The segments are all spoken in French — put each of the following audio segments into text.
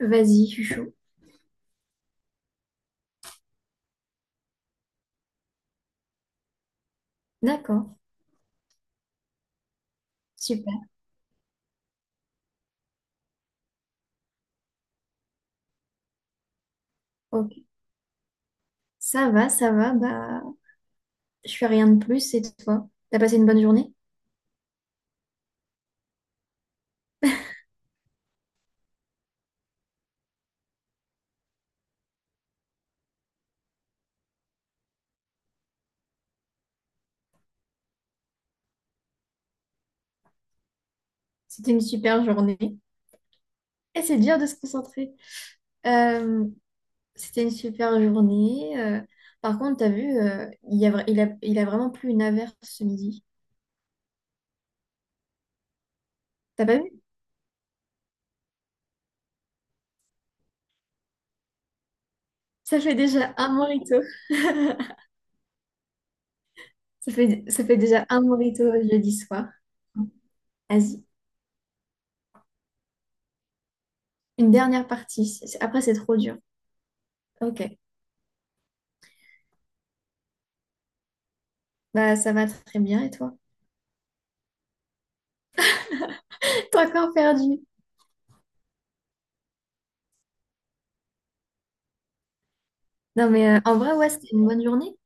Vas-y, je suis chaud. D'accord, super, ok. Ça va, bah, je fais rien de plus, c'est toi. T'as passé une bonne journée? C'était une super journée. Et c'est dur de se concentrer. Euh, C'était une super journée. Par contre, t'as vu, il a vraiment plu une averse ce midi. T'as pas vu? Ça fait déjà un morito. Ça fait déjà un morito le jeudi soir. Vas-y, une dernière partie. C'est- Après, c'est trop dur. Ok, bah, ça va très bien, et toi? T'as encore perdu. Non, mais en vrai, ouais, c'était une bonne journée.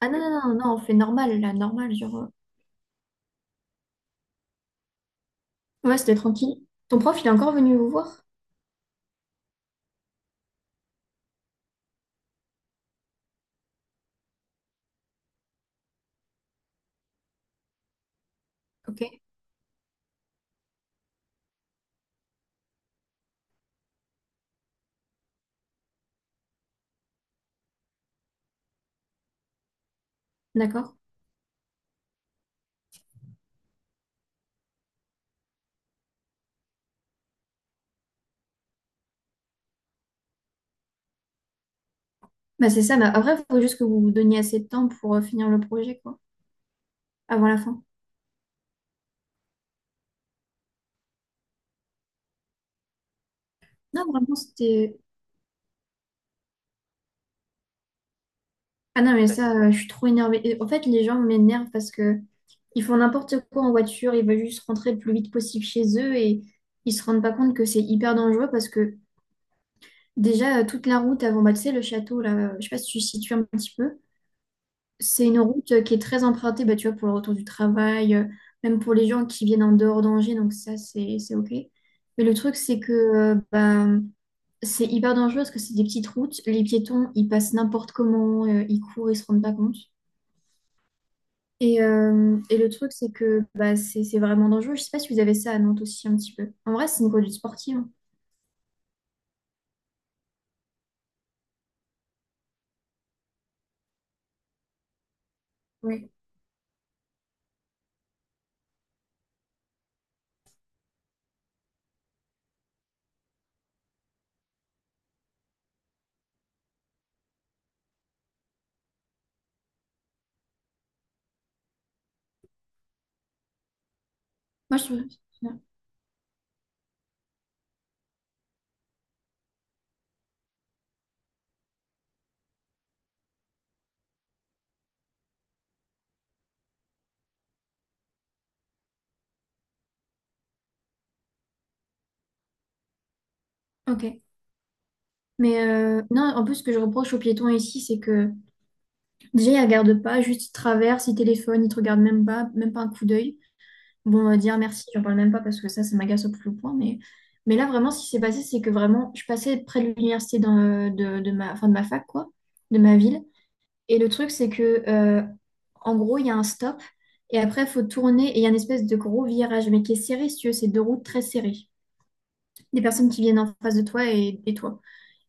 Ah non, non, non, non, on fait normal, là, normal, genre. Ouais, c'était tranquille. Ton prof, il est encore venu vous voir? Ok, d'accord. Bah, c'est ça, bah après, il faut juste que vous vous donniez assez de temps pour finir le projet, quoi, avant la fin. Non, vraiment, c'était. Ah non, mais ça, je suis trop énervée. Et en fait, les gens m'énervent parce que ils font n'importe quoi en voiture, ils veulent juste rentrer le plus vite possible chez eux et ils se rendent pas compte que c'est hyper dangereux parce que déjà, toute la route avant, bah, tu sais, le château, là, je sais pas si tu situes un petit peu. C'est une route qui est très empruntée, bah, tu vois, pour le retour du travail, même pour les gens qui viennent en dehors d'Angers, donc ça, c'est OK. Mais le truc, c'est que bah, c'est hyper dangereux parce que c'est des petites routes. Les piétons, ils passent n'importe comment, ils courent, ils se rendent pas compte. Et le truc, c'est que bah, c'est vraiment dangereux. Je sais pas si vous avez ça à Nantes aussi un petit peu. En vrai, c'est une conduite sportive. Hein. Oui. Moi, je trouve. Ok. Mais non, en plus, ce que je reproche aux piétons ici, c'est que déjà, il regarde pas, juste il traverse, il téléphone, il te regarde même pas un coup d'œil. Bon, dire merci, j'en parle même pas parce que ça m'agace au plus haut point. Mais là, vraiment, ce qui s'est passé, c'est que vraiment, je passais près de l'université dans, de ma, enfin, de ma fac, quoi, de ma ville. Et le truc, c'est que, en gros, il y a un stop et après, il faut tourner et il y a une espèce de gros virage, mais qui est serré, si tu veux, c'est deux routes très serrées. Des personnes qui viennent en face de toi et toi.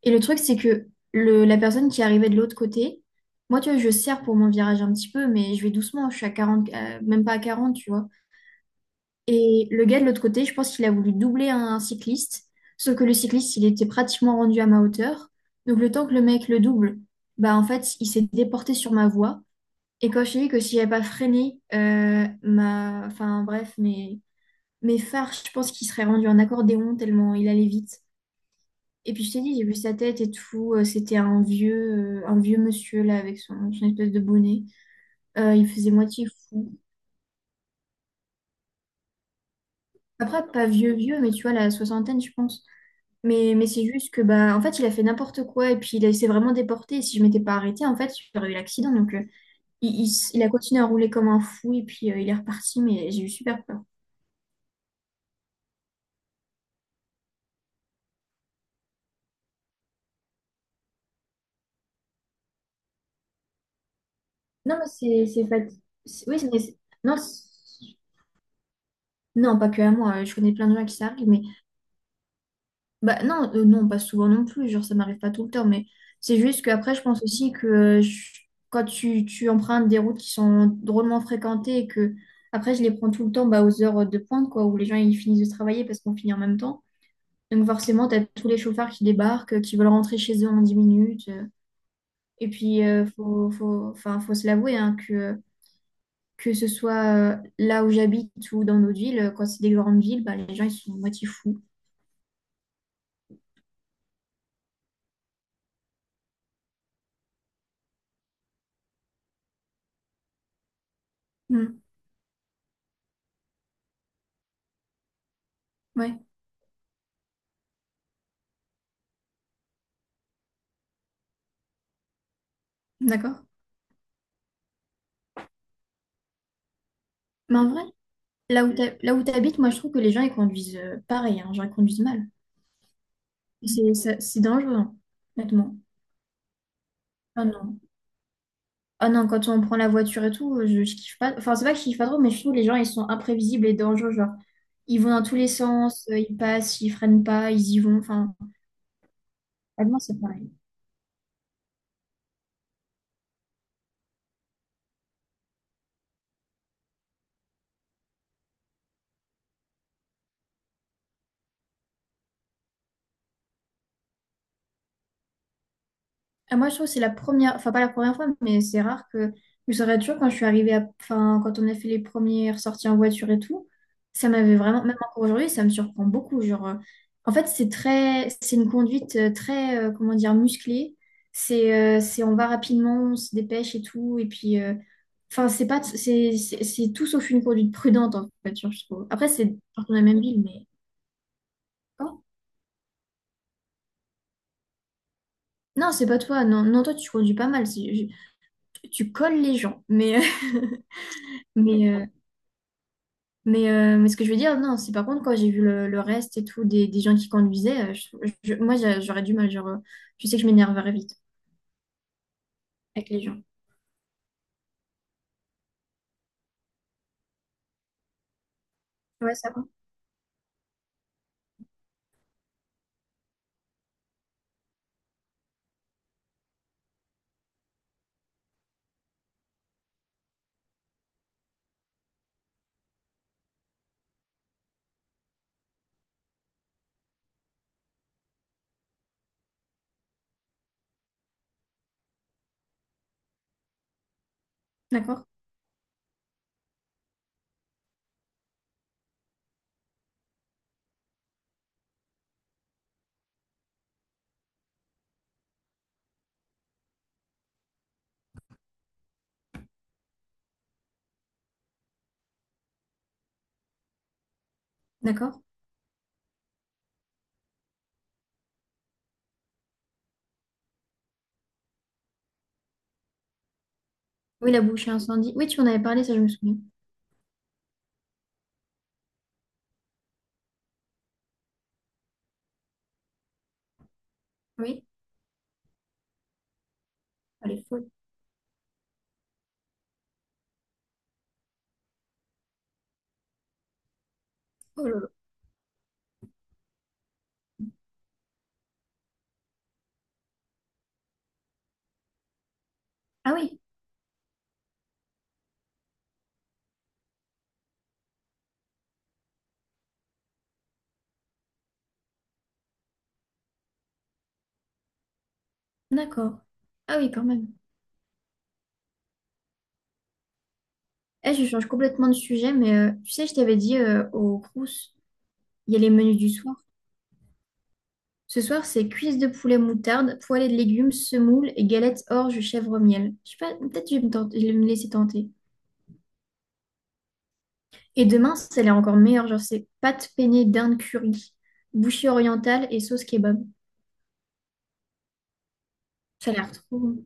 Et le truc, c'est que le, la personne qui arrivait de l'autre côté, moi, tu vois, je serre pour mon virage un petit peu, mais je vais doucement, je suis à 40, même pas à 40 tu vois. Et le gars de l'autre côté, je pense qu'il a voulu doubler un, cycliste, sauf que le cycliste, il était pratiquement rendu à ma hauteur. Donc, le temps que le mec le double, bah, en fait, il s'est déporté sur ma voie. Et quand je t'ai dit que si j'avais pas freiné ma, enfin, bref, mes, mes phares, je pense qu'il serait rendu en accordéon tellement il allait vite. Et puis je t'ai dit, j'ai vu sa tête et tout. C'était un vieux monsieur là avec son, son espèce de bonnet. Il faisait moitié fou. Après, pas vieux, vieux, mais tu vois, la soixantaine, je pense. Mais c'est juste que, bah, en fait, il a fait n'importe quoi et puis il s'est vraiment déporté. Et si je m'étais pas arrêtée, en fait, j'aurais eu l'accident. Donc, il, il a continué à rouler comme un fou et puis il est reparti, mais j'ai eu super peur. Non, mais c'est fat- c'est- Oui, c'est- mais c'est- non, pas que à moi. Je connais plein de gens à qui ça arrive, mais bah non, non, pas souvent non plus, genre ça m'arrive pas tout le temps, mais c'est juste qu'après je pense aussi que je- quand tu empruntes des routes qui sont drôlement fréquentées et que après je les prends tout le temps bah, aux heures de pointe, quoi, où les gens ils finissent de travailler parce qu'on finit en même temps. Donc forcément, t'as tous les chauffeurs qui débarquent, qui veulent rentrer chez eux en 10 minutes. Et puis, faut, faut, enfin, faut se l'avouer, hein, que ce soit là où j'habite ou dans notre ville, quand c'est des grandes villes, bah, les gens ils sont moitié fous. Hmm. Ouais, d'accord. Mais en vrai, là où t'ha- là où t'habites, moi je trouve que les gens ils conduisent pareil, hein, genre ils conduisent mal. C'est ça- c'est dangereux, hein, honnêtement. Ah non. Ah non, quand on prend la voiture et tout, je kiffe pas. Enfin, c'est pas que je kiffe pas trop, mais je trouve que les gens ils sont imprévisibles et dangereux. Genre, ils vont dans tous les sens, ils passent, ils freinent pas, ils y vont. Enfin, honnêtement, c'est pareil. Ah, moi, je trouve que c'est la première, enfin pas la première fois, mais c'est rare que je me souviens toujours quand je suis arrivée à, enfin, quand on a fait les premières sorties en voiture et tout, ça m'avait vraiment, même encore aujourd'hui, ça me surprend beaucoup. Genre, en fait, c'est très, c'est une conduite comment dire, musclée. C'est, on va rapidement, on se dépêche et tout, et puis, enfin, c'est pas, c'est tout sauf une conduite prudente en voiture, je trouve. Après, c'est dans la même ville, mais. Oh. Non, c'est pas toi. Non, non, toi, tu conduis pas mal. C'est- je- Tu colles les gens, mais. Mais, euh, mais ce que je veux dire, non, c'est par contre, quand j'ai vu le reste et tout, des gens qui conduisaient, moi, j'a- j'aurais du mal. Genre, je sais que je m'énerverais vite avec les gens. Ouais, ça va. D'accord, d'accord. Oui, la bouche incendie. Oui, tu en avais parlé, ça, je me souviens. Oui, elle est folle. Oh là là. Ah oui, d'accord. Ah oui, quand même. Eh, je change complètement de sujet, mais tu sais, je t'avais dit au Crous, il y a les menus du soir. Ce soir, c'est cuisses de poulet moutarde, poêlée de légumes, semoule et galettes orge chèvre miel. Je sais pas, peut-être je vais me tenter- je vais me laisser tenter. Et demain, celle est encore meilleure, genre c'est pâtes peignées d'Inde curry, bouchée orientale et sauce kebab. Ça a l'air trop bon.